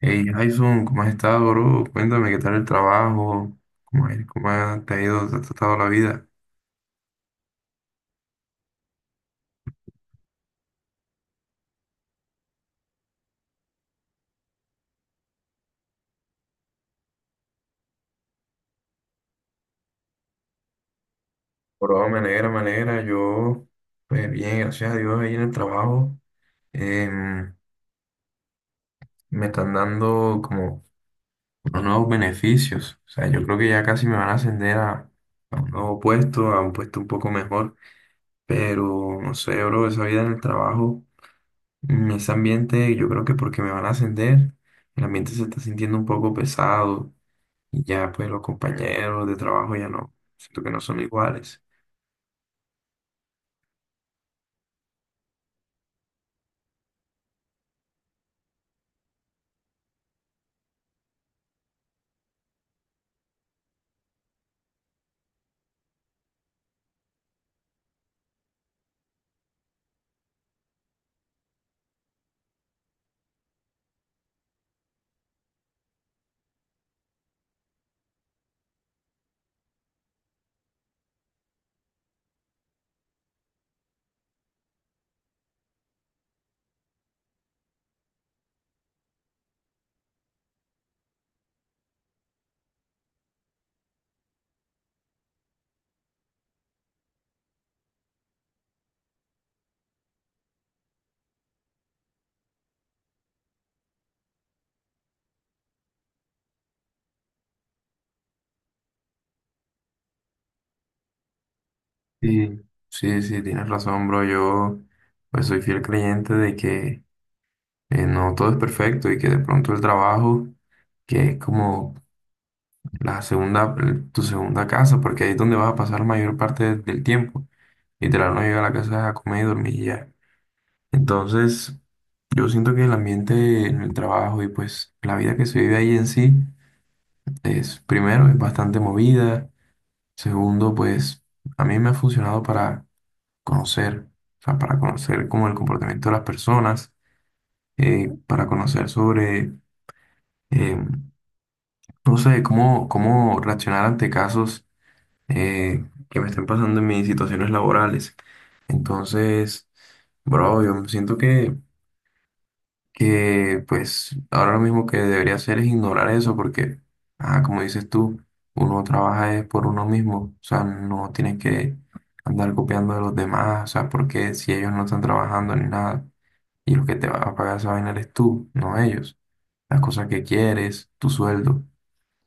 Hey Jason, ¿cómo has estado, bro? Cuéntame qué tal el trabajo, te ha ido, te ha tratado la vida. Bro, me alegra, me alegra. Yo, pues bien, gracias a Dios, ahí en el trabajo em, me están dando como unos nuevos beneficios. O sea, yo creo que ya casi me van a ascender a un nuevo puesto, a un puesto un poco mejor. Pero no sé, bro, esa vida en el trabajo, ese ambiente, yo creo que porque me van a ascender, el ambiente se está sintiendo un poco pesado. Y ya pues los compañeros de trabajo ya no, siento que no son iguales. Sí, sí, sí, tienes razón, bro. Yo pues soy fiel creyente de que no todo es perfecto y que de pronto el trabajo, que es como la segunda, tu segunda casa, porque ahí es donde vas a pasar la mayor parte del tiempo. Literal, no llega a la casa a comer y dormir y ya. Entonces, yo siento que el ambiente en el trabajo y pues la vida que se vive ahí en sí es, primero, es bastante movida. Segundo, pues a mí me ha funcionado para conocer, o sea, para conocer como el comportamiento de las personas, para conocer sobre, eh, no sé, cómo reaccionar ante casos eh, que me estén pasando en mis situaciones laborales. Entonces, bro, yo siento que pues ahora lo mismo que debería hacer es ignorar eso porque, ah, como dices tú, uno trabaja es por uno mismo, o sea, no tienes que andar copiando de los demás, o sea, porque si ellos no están trabajando ni nada y lo que te va a pagar esa vaina eres tú, no ellos, las cosas que quieres, tu sueldo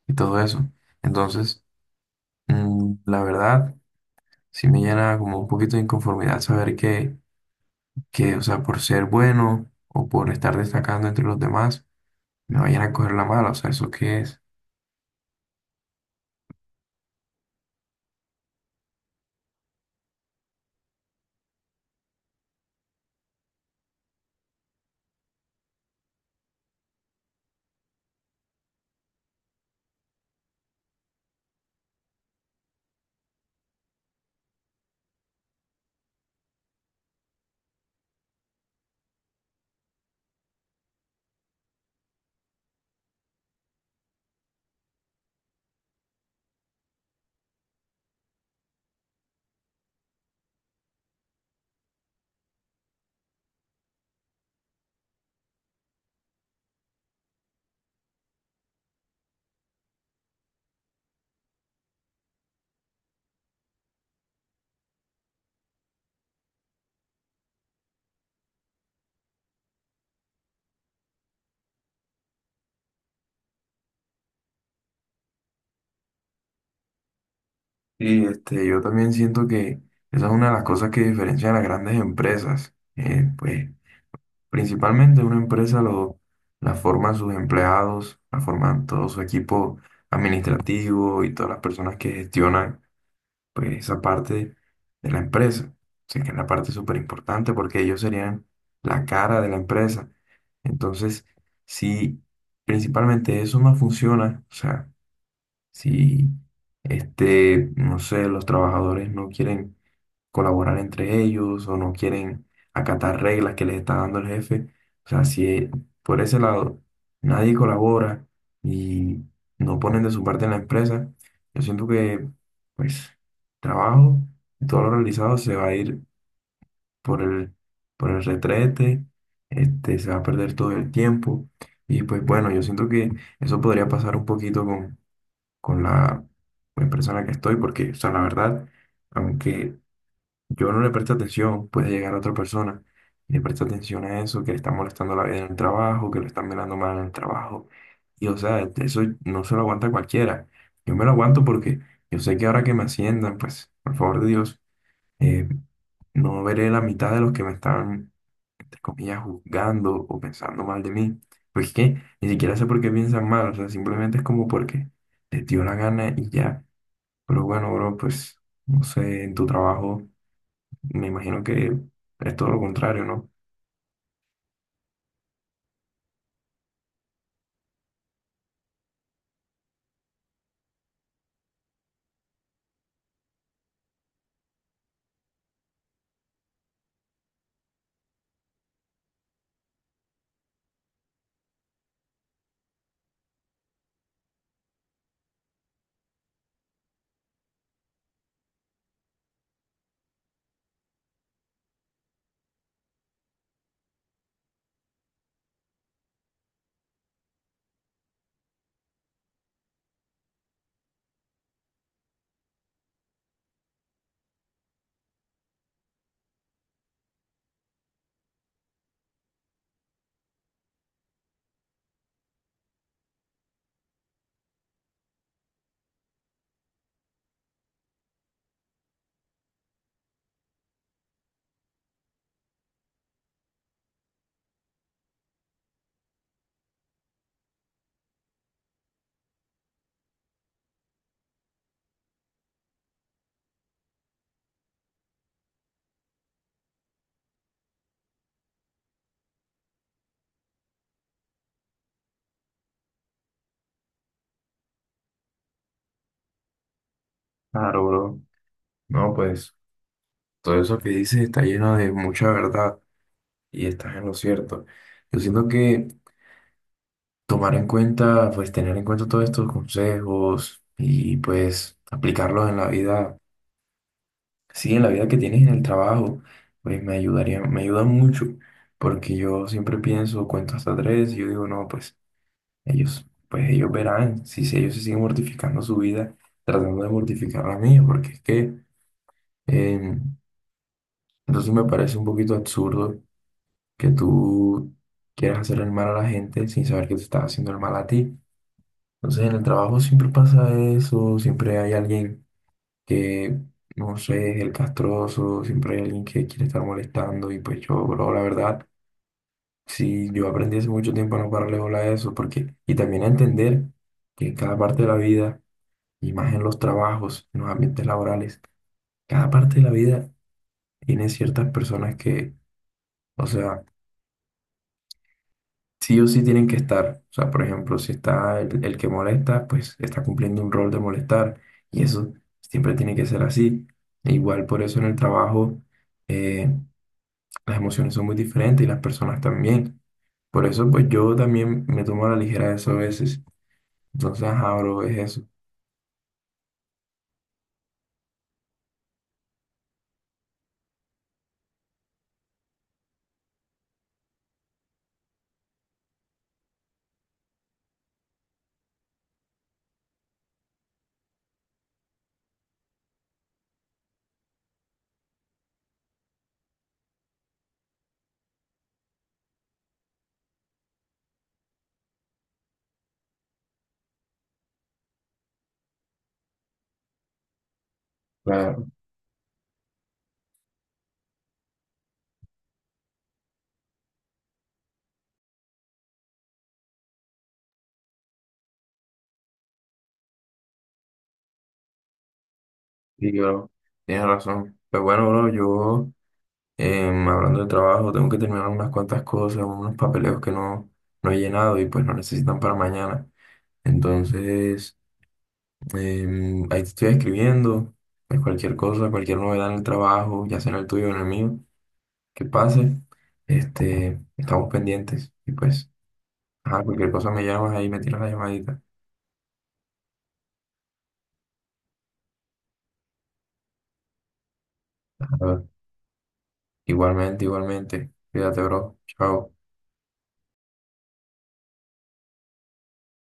y todo eso. Entonces, la verdad, sí me llena como un poquito de inconformidad saber que, o sea, por ser bueno o por estar destacando entre los demás, me vayan a coger la mala, o sea, ¿eso qué es? Y este, yo también siento que esa es una de las cosas que diferencia a las grandes empresas. Pues, principalmente la forman sus empleados, la forman todo su equipo administrativo y todas las personas que gestionan pues, esa parte de la empresa. O sea, que es la parte súper importante porque ellos serían la cara de la empresa. Entonces, si principalmente eso no funciona, o sea, si, este, no sé, los trabajadores no quieren colaborar entre ellos o no quieren acatar reglas que les está dando el jefe. O sea, si por ese lado nadie colabora y no ponen de su parte en la empresa, yo siento que, pues, trabajo, todo lo realizado se va a ir por el, por el retrete, este, se va a perder todo el tiempo. Y pues bueno, yo siento que eso podría pasar un poquito con la empresa en la que estoy, porque, o sea, la verdad, aunque yo no le preste atención, puede llegar otra persona y le presta atención a eso, que le está molestando la vida en el trabajo, que lo están mirando mal en el trabajo. Y, o sea, eso no se lo aguanta cualquiera. Yo me lo aguanto porque yo sé que ahora que me asciendan, pues, por favor de Dios, eh, no veré la mitad de los que me están, entre comillas, juzgando o pensando mal de mí. Pues que ni siquiera sé por qué piensan mal, o sea, simplemente es como porque les dio la gana y ya. Pero bueno, bro, pues no sé, en tu trabajo me imagino que es todo lo contrario, ¿no? Claro, bro. No, pues todo eso que dices está lleno de mucha verdad y estás en lo cierto. Yo siento que tomar en cuenta, pues tener en cuenta todos estos consejos y pues aplicarlos en la vida, sí, en la vida que tienes en el trabajo, pues me ayudaría, me ayuda mucho porque yo siempre pienso, cuento hasta tres y yo digo, no, pues ellos verán si ellos se siguen mortificando su vida tratando de mortificar la mía, porque es que eh, entonces me parece un poquito absurdo que tú quieras hacer el mal a la gente sin saber que te estás haciendo el mal a ti. Entonces en el trabajo siempre pasa eso, siempre hay alguien que, no sé, es el castroso, siempre hay alguien que quiere estar molestando y pues yo, bro, la verdad, sí, yo aprendí hace mucho tiempo a no pararle bola a eso, porque, y también a entender que en cada parte de la vida y más en los trabajos, en los ambientes laborales. Cada parte de la vida tiene ciertas personas que, o sea, sí o sí tienen que estar. O sea, por ejemplo, si está el que molesta, pues está cumpliendo un rol de molestar y eso siempre tiene que ser así. E igual por eso en el trabajo eh, las emociones son muy diferentes y las personas también. Por eso, pues yo también me tomo a la ligera eso a veces. Entonces, ajá, bro, es eso. Claro. Sí, bro, tienes razón. Pues bueno, bro, yo... Hablando de trabajo, tengo que terminar unas cuantas cosas, unos papeleos que no, no he llenado y pues no necesitan para mañana. Entonces, ahí te estoy escribiendo, pues cualquier cosa, cualquier novedad en el trabajo, ya sea en el tuyo o en el mío, que pase, este, estamos pendientes y pues, ajá, cualquier cosa me llamas ahí, me tiras la llamadita. Ah, igualmente, igualmente, cuídate, bro, chao.